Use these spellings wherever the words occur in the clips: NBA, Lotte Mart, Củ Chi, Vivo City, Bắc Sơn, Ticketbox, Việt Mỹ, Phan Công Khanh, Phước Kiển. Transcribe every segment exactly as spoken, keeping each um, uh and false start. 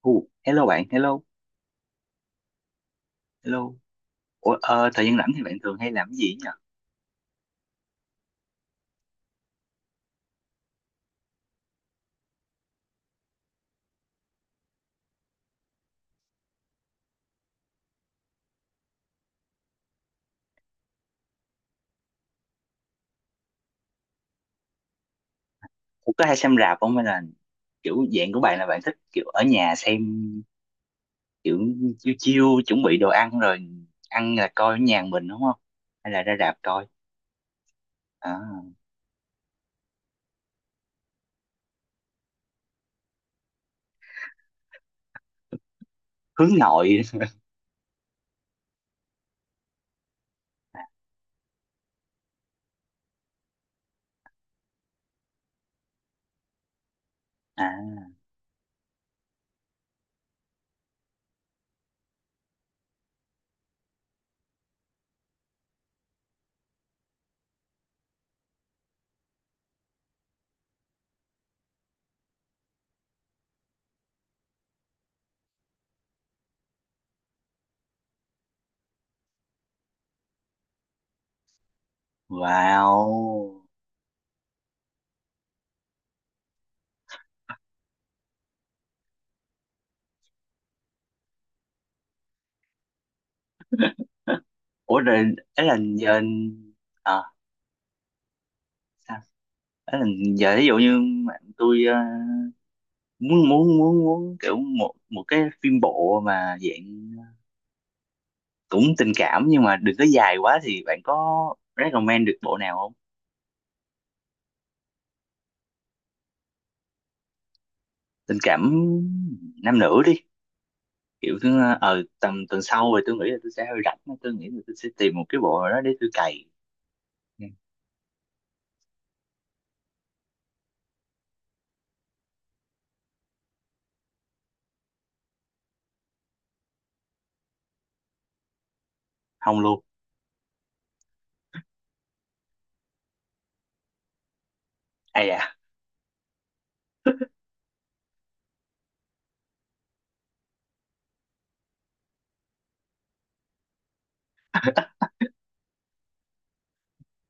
Ồ, hello bạn, hello, hello. Ủa, ờ, thời gian rảnh thì bạn thường hay làm cái gì nhỉ? Ủa, có hay xem rạp không hay là kiểu dạng của bạn là bạn thích kiểu ở nhà xem kiểu chiêu chiêu chuẩn bị đồ ăn rồi ăn là coi ở nhà mình đúng không? Hay là ra rạp coi? À, hướng nội. À, wow. Ủa rồi ấy là giờ, à, sao? Ấy là giờ ví dụ như bạn tôi, ờ, muốn muốn muốn muốn kiểu một một cái phim bộ mà dạng cũng tình cảm nhưng mà đừng có dài quá thì bạn có recommend được bộ nào không? Tình cảm nam nữ đi, kiểu cứ ờ tầm tuần sau rồi tôi nghĩ là tôi sẽ hơi rảnh, tôi nghĩ là tôi sẽ tìm một cái bộ nào đó để tôi cày. Ừ. Không luôn. À dạ.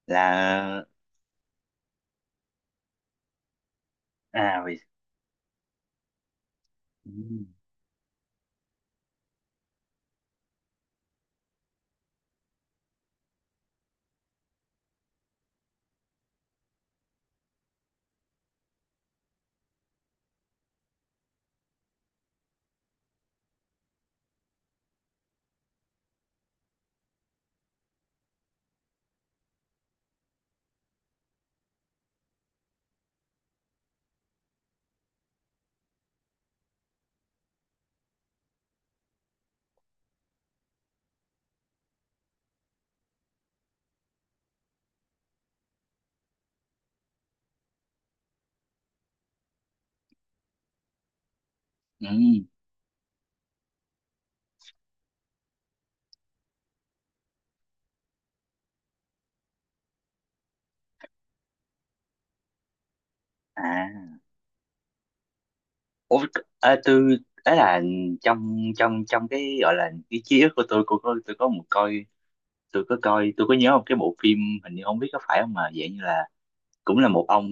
Là. À vì. Ừ. Ừ. À. Ủa, à, tôi, ấy là trong trong trong cái gọi là cái ký ức của tôi, cô có tôi có một coi tôi có coi tôi có nhớ một cái bộ phim, hình như không biết có phải không mà dạng như là cũng là một ông,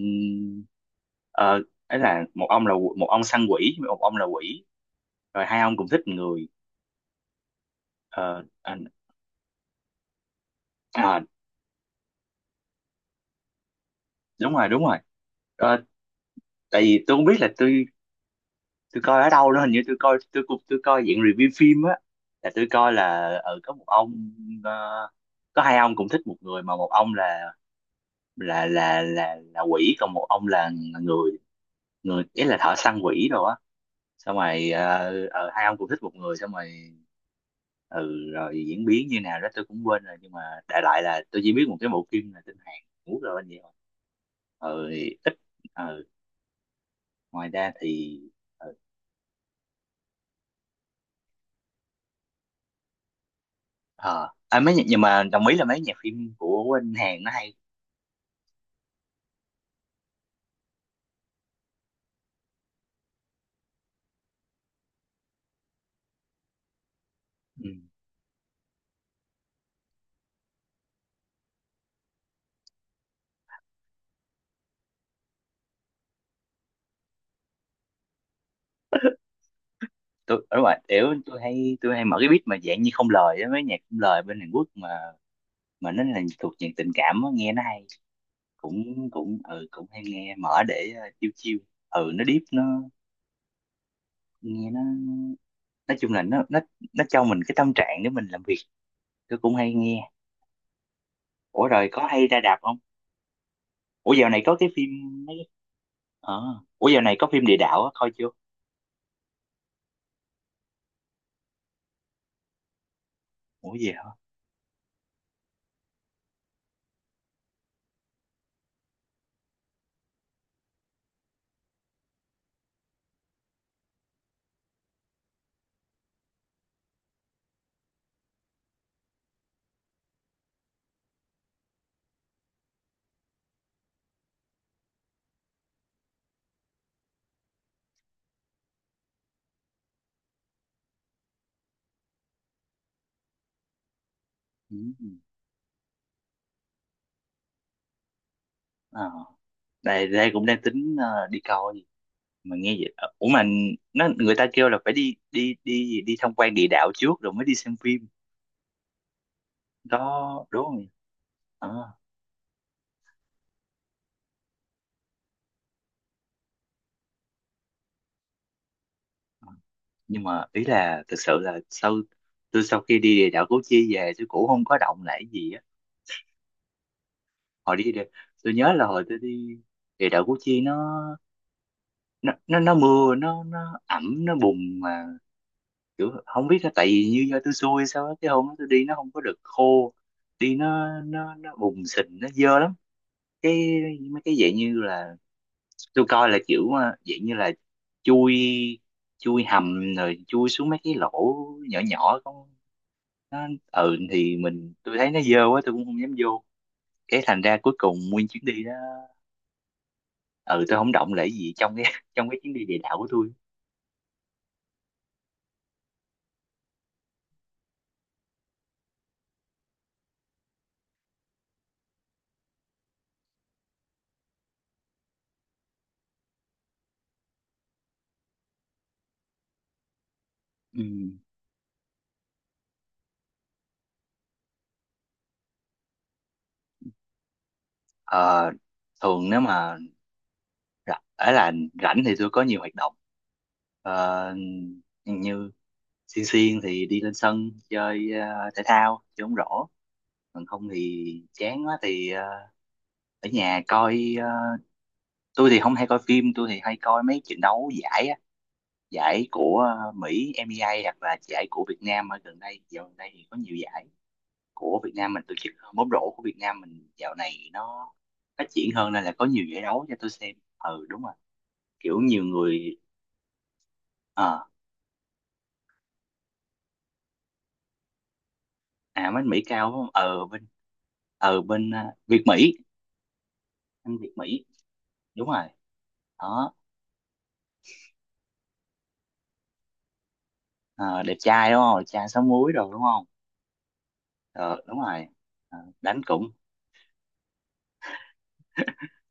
ờ, ấy là một ông là một ông săn quỷ, một ông là quỷ, rồi hai ông cùng thích người. Ờ, à, à, đúng rồi đúng rồi. Ờ, tại vì tôi không biết là tôi tôi coi ở đâu đó, hình như tôi coi tôi cũng tôi coi dạng review phim á, là tôi coi là ở có một ông, ờ, có hai ông cùng thích một người mà một ông là là là là là quỷ, còn một ông là người, người ý là thợ săn quỷ rồi á, xong rồi ờ, ờ, hai ông cùng thích một người. Xong rồi ừ, rồi diễn biến như nào đó tôi cũng quên rồi, nhưng mà đại loại là tôi chỉ biết một cái bộ phim là tên Hàn Quốc rồi, anh vậy thôi. Ừ thì ít. Ừ. Ngoài ra thì. Ừ. Ờ, à, mấy nhạc- nhưng mà đồng ý là mấy nhạc phim của anh Hàn nó hay. Ừ. Tôi ở ngoài kiểu tôi hay tôi hay mở cái beat mà dạng như không lời á, mấy nhạc không lời bên Hàn Quốc, mà mà nó là thuộc dạng tình cảm á, nghe nó hay, cũng cũng ừ cũng hay nghe mở để ờ, chill chill. Ừ nó deep, nó nghe nó, nói chung là nó nó nó cho mình cái tâm trạng để mình làm việc, tôi cũng hay nghe. Ủa rồi có hay ra đạp không? ủa dạo này có cái phim mấy ờ ủa dạo này có phim địa đạo á, coi chưa? Ủa gì hả? Ừ. Ờ, đây đây cũng đang tính ờ, đi coi, mà nghe vậy ờ, ủa mà nó, người ta kêu là phải đi đi đi gì, đi tham quan địa đạo trước rồi mới đi xem phim đó, đúng không nhỉ? Ờ. Nhưng mà ý là thực sự là sau tôi sau khi đi địa đạo Củ Chi về tôi cũng không có động lại gì á. hồi đi địa- tôi nhớ là hồi tôi đi địa đạo Củ Chi nó nó nó nó mưa, nó nó ẩm, nó bùn, mà kiểu không biết là tại vì như do tôi xui sao á, cái hôm đó tôi đi nó không có được khô, đi nó nó nó bùn sình nó dơ lắm. Cái mấy cái dạng như là tôi coi là kiểu ờ, dạng như là chui chui hầm rồi chui xuống mấy cái lỗ nhỏ nhỏ con, nó ừ thì mình tôi thấy nó dơ quá tôi cũng không dám vô. Cái thành ra cuối cùng nguyên chuyến đi đó ừ tôi không động lại gì trong cái trong cái chuyến đi địa đạo của tôi. Ừ. Ờ, thường nếu mà rảnh, ấy là rảnh thì tôi có nhiều hoạt động. Ờ, như xiên xiên thì đi lên sân chơi, ờ, thể thao, chơi bóng rổ. Còn không thì chán quá thì ờ, ở nhà coi, ờ, tôi thì không hay coi phim, tôi thì hay coi mấy trận đấu giải á, giải của ờ, Mỹ, en bê a, hoặc là giải của Việt Nam. Ở gần đây dạo gần đây thì có nhiều giải của Việt Nam mình tổ chức, bóng rổ của Việt Nam mình dạo này nó phát triển hơn nên là có nhiều giải đấu cho tôi xem. Ừ đúng rồi, kiểu nhiều người. ờ à, bên Mỹ cao đúng không? Ờ bên ờ bên à, Việt Mỹ, anh Việt Mỹ, đúng rồi đó. Ờ, đẹp trai đúng không, đẹp trai sáu múi rồi đúng không? Ờ đúng rồi. Ờ, đánh cũng,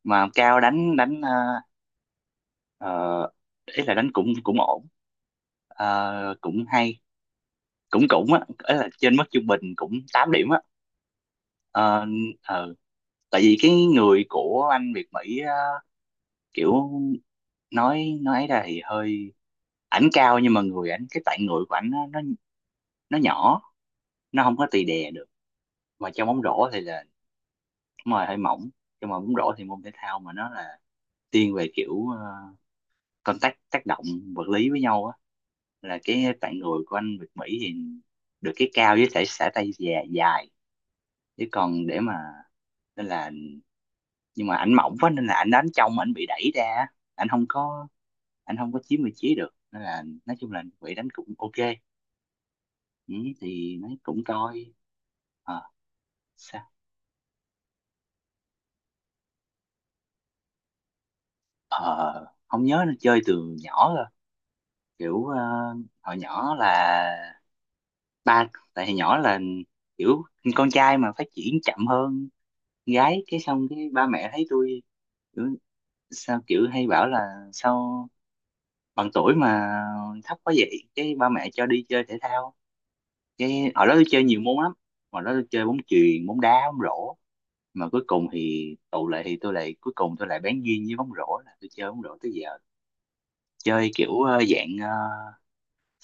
mà cao đánh đánh à, ờ, ý là đánh cũng cũng ổn. Ờ, cũng hay, cũng cũng á, ý là trên mức trung bình, cũng tám điểm á. Ờ, ờ. Tại vì cái người của anh Việt Mỹ á, kiểu nói nói ấy ra thì hơi, ảnh cao nhưng mà người ảnh, cái tạng người của ảnh nó, nó nó nhỏ, nó không có tì đè được, mà trong bóng rổ thì là, đúng rồi, hơi mỏng. Nhưng mà bóng rổ thì môn thể thao mà nó là thiên về kiểu ờ, contact, tác động vật lý với nhau á, là cái tạng người của anh Việt Mỹ thì được cái cao với thể xả tay dài dài, chứ còn để mà, nên là, nhưng mà ảnh mỏng quá nên là ảnh đánh trong, ảnh bị đẩy ra, ảnh không có ảnh không có chiếm vị trí được, nên là nói chung là bị đánh cũng ok. Ừ, thì nó cũng coi. ờ sao? ờ không nhớ, nó chơi từ nhỏ rồi, kiểu ờ, hồi nhỏ là ba, tại hồi nhỏ là kiểu con trai mà phát triển chậm hơn gái, cái xong cái ba mẹ thấy tôi kiểu, sao kiểu hay bảo là sao bằng tuổi mà thấp quá vậy, cái ba mẹ cho đi chơi thể thao. Cái hồi đó tôi chơi nhiều môn lắm, hồi đó tôi chơi bóng chuyền, bóng đá, bóng rổ, mà cuối cùng thì tụ lại thì tôi lại cuối cùng tôi lại bén duyên với bóng rổ, là tôi chơi bóng rổ tới giờ. Chơi kiểu ờ, dạng ờ,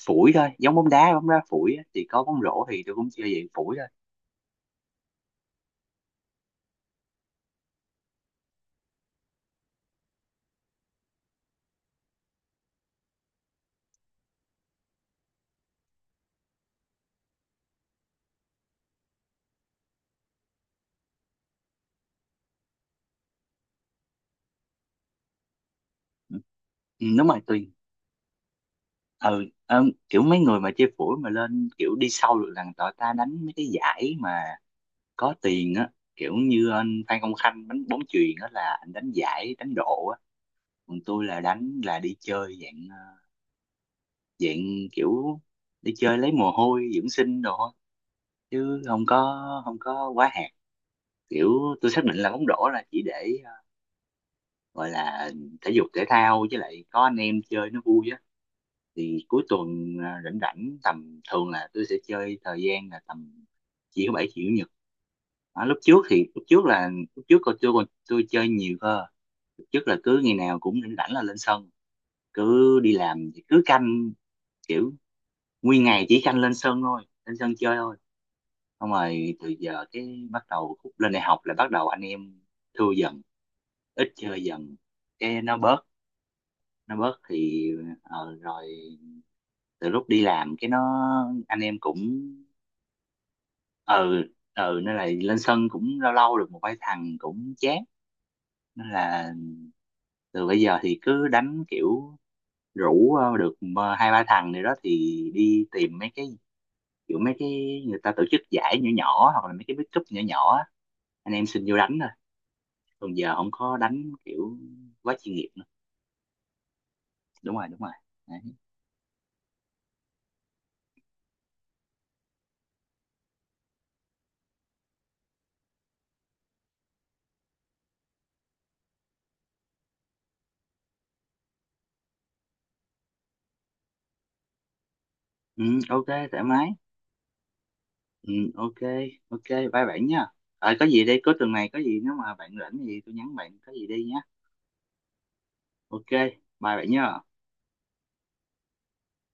phủi thôi, giống bóng đá, bóng đá phủi á, thì có bóng rổ thì tôi cũng chơi dạng phủi thôi. Ừ, ừ, đúng rồi tôi, ừ, ờ, kiểu mấy người mà chơi phủi mà lên kiểu đi sâu được là tụi ta đánh mấy cái giải mà có tiền á, kiểu như anh Phan Công Khanh đánh bóng chuyền á, là anh đánh giải, đánh độ á. Còn tôi là đánh là đi chơi dạng ờ, dạng kiểu đi chơi lấy mồ hôi dưỡng sinh đồ, chứ không có không có quá hạn, kiểu tôi xác định là bóng rổ là chỉ để ờ, gọi là thể dục thể thao, với lại có anh em chơi nó vui á, thì cuối tuần ờ, rảnh rảnh tầm thường là tôi sẽ chơi, thời gian là tầm chiều thứ bảy, chiều chủ nhật. Đó, lúc trước thì lúc trước là lúc trước còn, tôi còn tôi chơi nhiều cơ, lúc trước là cứ ngày nào cũng rảnh rảnh là lên sân, cứ đi làm thì cứ canh kiểu, nguyên ngày chỉ canh lên sân thôi, lên sân chơi thôi. Xong rồi từ giờ cái bắt đầu khúc lên đại học là bắt đầu anh em thưa dần, ít chơi dần, cái nó bớt nó bớt thì, ờ, rồi từ lúc đi làm cái nó, anh em cũng, ờ ờ nên là lên sân cũng lâu lâu được một vài thằng cũng chán, nên là từ bây giờ thì cứ đánh kiểu rủ ờ, được ờ, hai ba thằng này đó thì đi tìm mấy cái, kiểu mấy cái người ta tổ chức giải nhỏ nhỏ, hoặc là mấy cái big cup nhỏ nhỏ á, anh em xin vô đánh, còn giờ không có đánh kiểu quá chuyên nghiệp nữa. Đúng rồi đúng rồi. Đấy. Ừ, ok, thoải mái. Ừ, ok. Ok, bye bạn nha. Ờ, có gì đây, cuối tuần này có gì nếu mà bạn rảnh thì tôi nhắn bạn có gì đi nhá. Ok, bye bạn nha.